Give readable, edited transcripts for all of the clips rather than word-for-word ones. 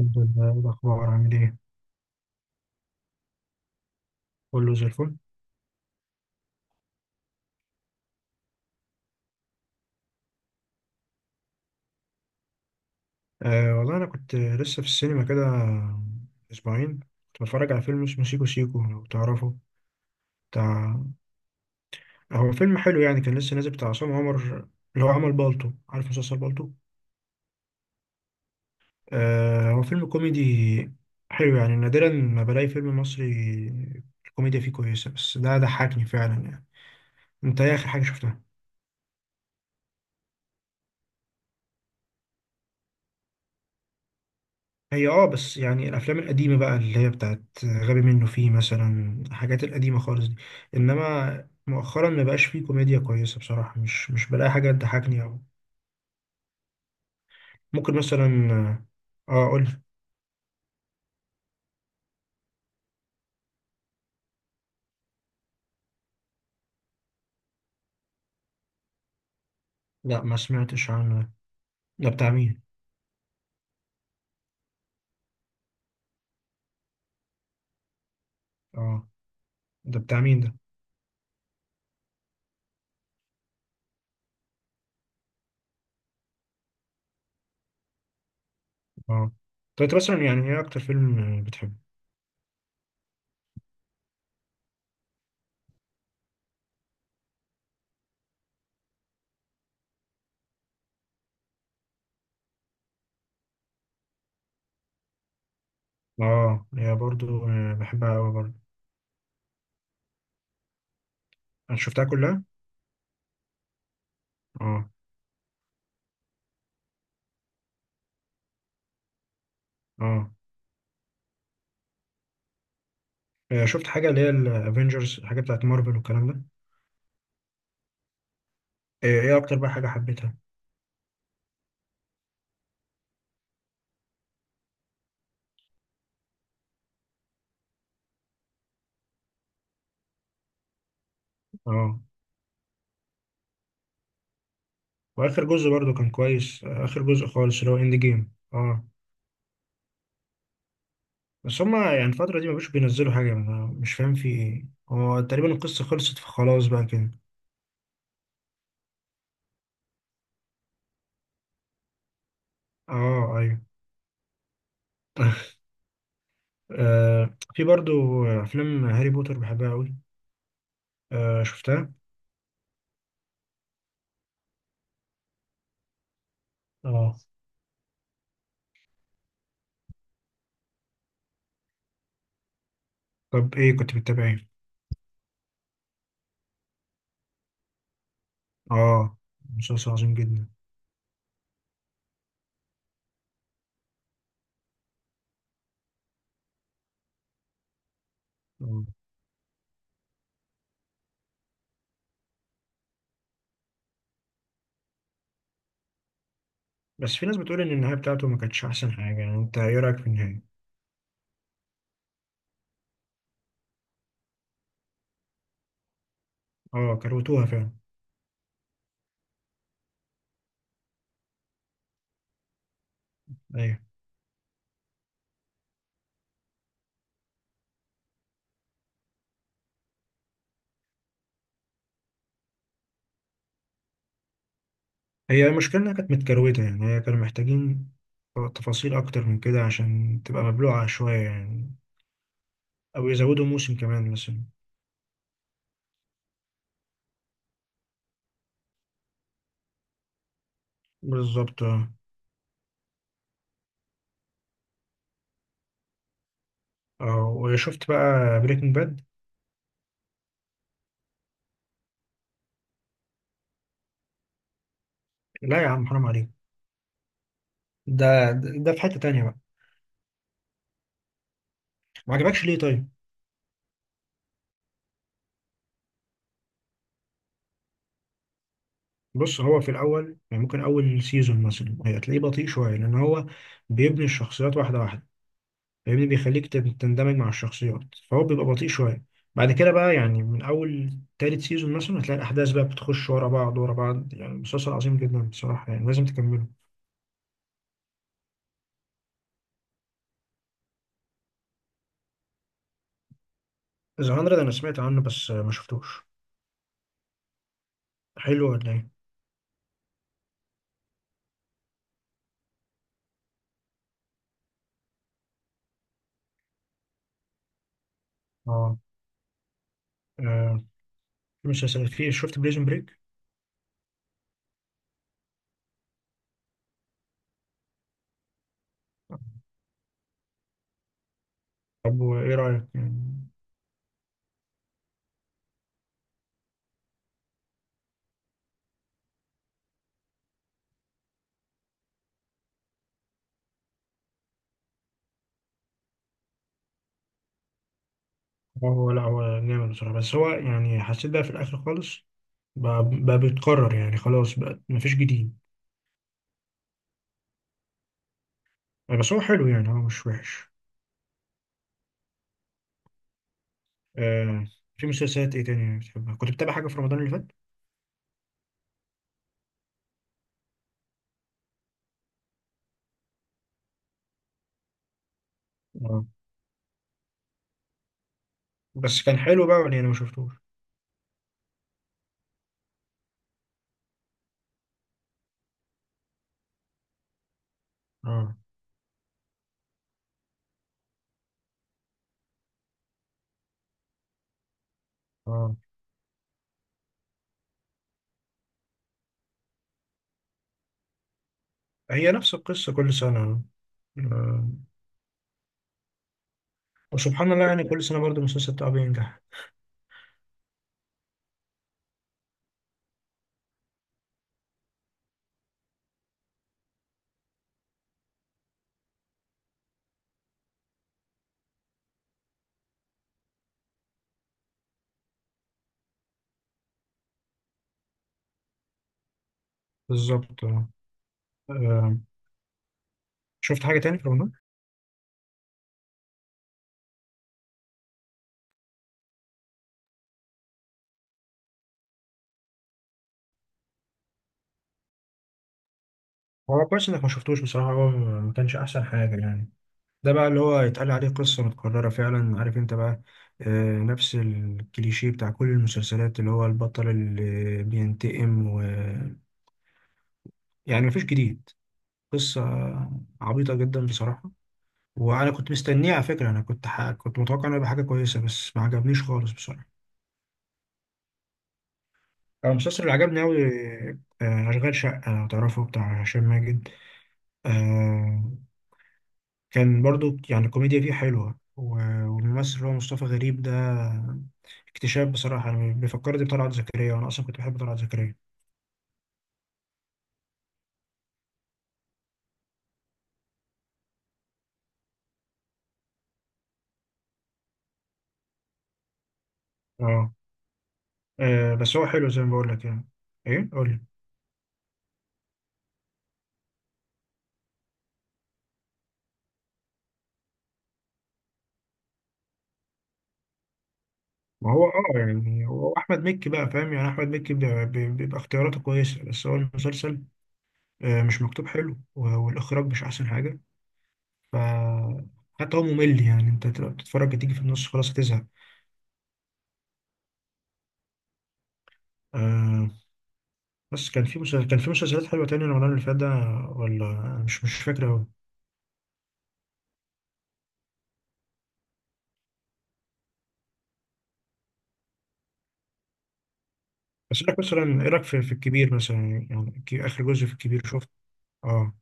الحمد لله. إيه الأخبار؟ عامل إيه؟ كله زي الفل. آه والله أنا كنت لسه في السينما كده أسبوعين. كنت بتفرج على فيلم اسمه سيكو سيكو لو تعرفه. بتاع هو فيلم حلو يعني، كان لسه نازل، بتاع عصام عمر، اللي هو عمل بالطو. عارف مسلسل بالطو؟ آه، هو فيلم كوميدي حلو يعني. نادرا ما بلاقي فيلم مصري الكوميديا فيه كويسة، بس ده ضحكني فعلا يعني. أنت إيه آخر حاجة شفتها؟ هي بس يعني الافلام القديمه بقى، اللي هي بتاعت غبي منه، فيه مثلا الحاجات القديمه خالص دي. انما مؤخرا ما بقاش فيه كوميديا كويسه بصراحه. مش بلاقي حاجه تضحكني، او ممكن مثلا اه اقول. لا ما سمعتش عنه ده. ده بتاع مين؟ اه، ده بتاع مين ده؟ اه، طب انت مثلا يعني ايه اكتر فيلم بتحبه؟ اه، هي برضو بحبها قوي برضو. انا شفتها كلها. اه. اه. شفت حاجه اللي هي الافينجرز، حاجه بتاعت مارفل والكلام ده. ايه اكتر بقى حاجه حبيتها؟ اه، واخر جزء برضو كان كويس، اخر جزء خالص اللي هو اند جيم. اه. بس هما يعني الفتره دي ما بقوش بينزلوا حاجه. أنا مش فاهم في ايه، هو تقريبا القصه خلصت، فخلاص بقى كده. اه ايوه. في برضو افلام هاري بوتر بحبها قوي. شفتها. اه، طب ايه كنت بتتابع، ايه؟ اه، مسلسل عظيم جدا. آه. بس في ناس بتقول ان النهايه بتاعته ما كانتش احسن حاجه يعني، انت ايه رايك في النهايه؟ اه، كروتوها فعلا. ايوه، هي المشكلة إنها كانت متكروتة يعني، هي كانوا محتاجين تفاصيل أكتر من كده عشان تبقى مبلوعة شوية يعني، أو يزودوا موسم كمان مثلا. بالظبط. وشفت بقى بريكنج باد؟ لا يا عم حرام عليك. ده ده في حتة تانية بقى. ما عجبكش ليه طيب؟ بص، هو في الأول يعني ممكن أول سيزون مثلا هتلاقيه بطيء شوية، لأن هو بيبني الشخصيات واحدة واحدة، فاهمني؟ بيخليك تندمج مع الشخصيات، فهو بيبقى بطيء شوية. بعد كده بقى، يعني من أول تالت سيزون مثلا هتلاقي الأحداث بقى بتخش ورا بعض ورا بعض، يعني مسلسل عظيم جدا بصراحة، يعني لازم تكمله. ذا 100 أنا سمعت عنه، بس ما شفتوش. حلو ولا إيه؟ آه آه، في، شفت بريزن بريك؟ طب وإيه رأيك؟ يعني هو، لا هو جامد بصراحة، بس هو يعني حسيت بقى في الآخر خالص بقى بيتكرر يعني، خلاص بقى مفيش جديد. بس هو حلو يعني، هو مش وحش. آه في مسلسلات ايه تاني بتحبها؟ كنت بتابع حاجة في رمضان اللي فات؟ آه. بس كان حلو بقى يعني، انا ما شفتوش. اه. اه. هي نفس القصة كل سنة. آه. وسبحان الله، يعني كل سنة برضو المسلسل بتاعه بينجح. بالظبط. آه. آه. شفت حاجة تاني في رمضان؟ هو كويس انك ما شفتوش بصراحة، هو ما كانش احسن حاجة يعني. ده بقى اللي هو يتقال عليه قصة متكررة فعلا، عارف انت بقى، نفس الكليشيه بتاع كل المسلسلات، اللي هو البطل اللي بينتقم، و، يعني مفيش جديد. قصة عبيطة جدا بصراحة. وأنا كنت مستنيه على فكرة، كنت متوقع إنه يبقى حاجة كويسة، بس ما عجبنيش خالص بصراحة. أنا المسلسل اللي عجبني أوي أشغال شقة لو تعرفه، بتاع هشام ماجد. آه، كان برضو يعني الكوميديا فيه حلوة، والممثل اللي هو مصطفى غريب ده اكتشاف بصراحة. أنا بيفكرني بطلعت زكريا، وأنا أصلا كنت بحب طلعت زكريا. أه آه، بس هو حلو زي ما بقول لك يعني. إيه قول لي. ما هو يعني هو احمد مكي بقى، فاهم؟ يعني احمد مكي بيبقى اختياراته كويسه، بس هو المسلسل مش مكتوب حلو، والاخراج مش احسن حاجه. ف حتى هو ممل، يعني انت تبقى بتتفرج تيجي في النص خلاص هتزهق. آه بس كان في مسلسلات حلوه تاني رمضان اللي فات ده، ولا أنا مش فاكر قوي. بس لك مثلا، ايه رايك في الكبير مثلا؟ يعني اخر جزء في الكبير شفت؟ اه.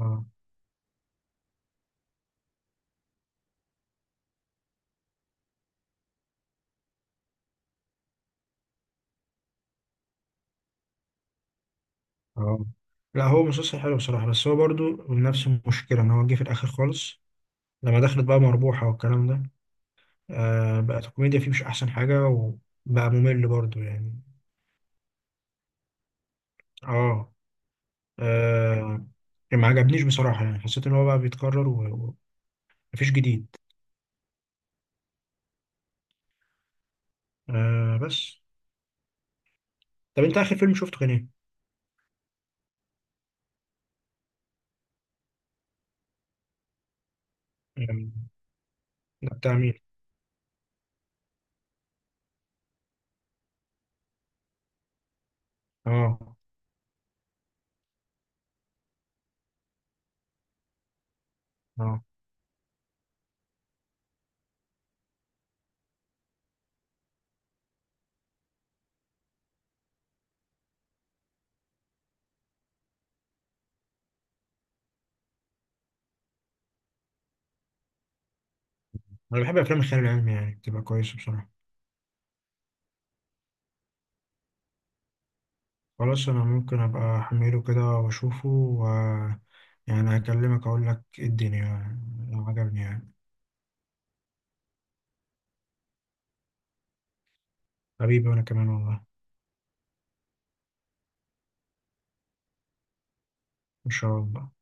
اه. اه. لا هو مسلسل حلو بصراحه، بس هو برضو نفس المشكله ان هو جه في الاخر خالص. لما دخلت بقى مربوحة والكلام ده، بقت الكوميديا فيه مش أحسن حاجة، وبقى ممل برضو يعني. آه, آه ما عجبنيش بصراحة، يعني حسيت إن هو بقى بيتكرر، ومفيش جديد. بس، طب أنت آخر فيلم شفته كان إيه؟ يعني ده بتاع مين؟ آه آه أنا بحب أفلام الخيال العلمي، يعني بتبقى كويسة بصراحة. خلاص أنا ممكن أبقى أحمله كده وأشوفه، و يعني هكلمك أقول لك إيه الدنيا لو عجبني يعني. حبيبي وأنا كمان والله. إن شاء الله.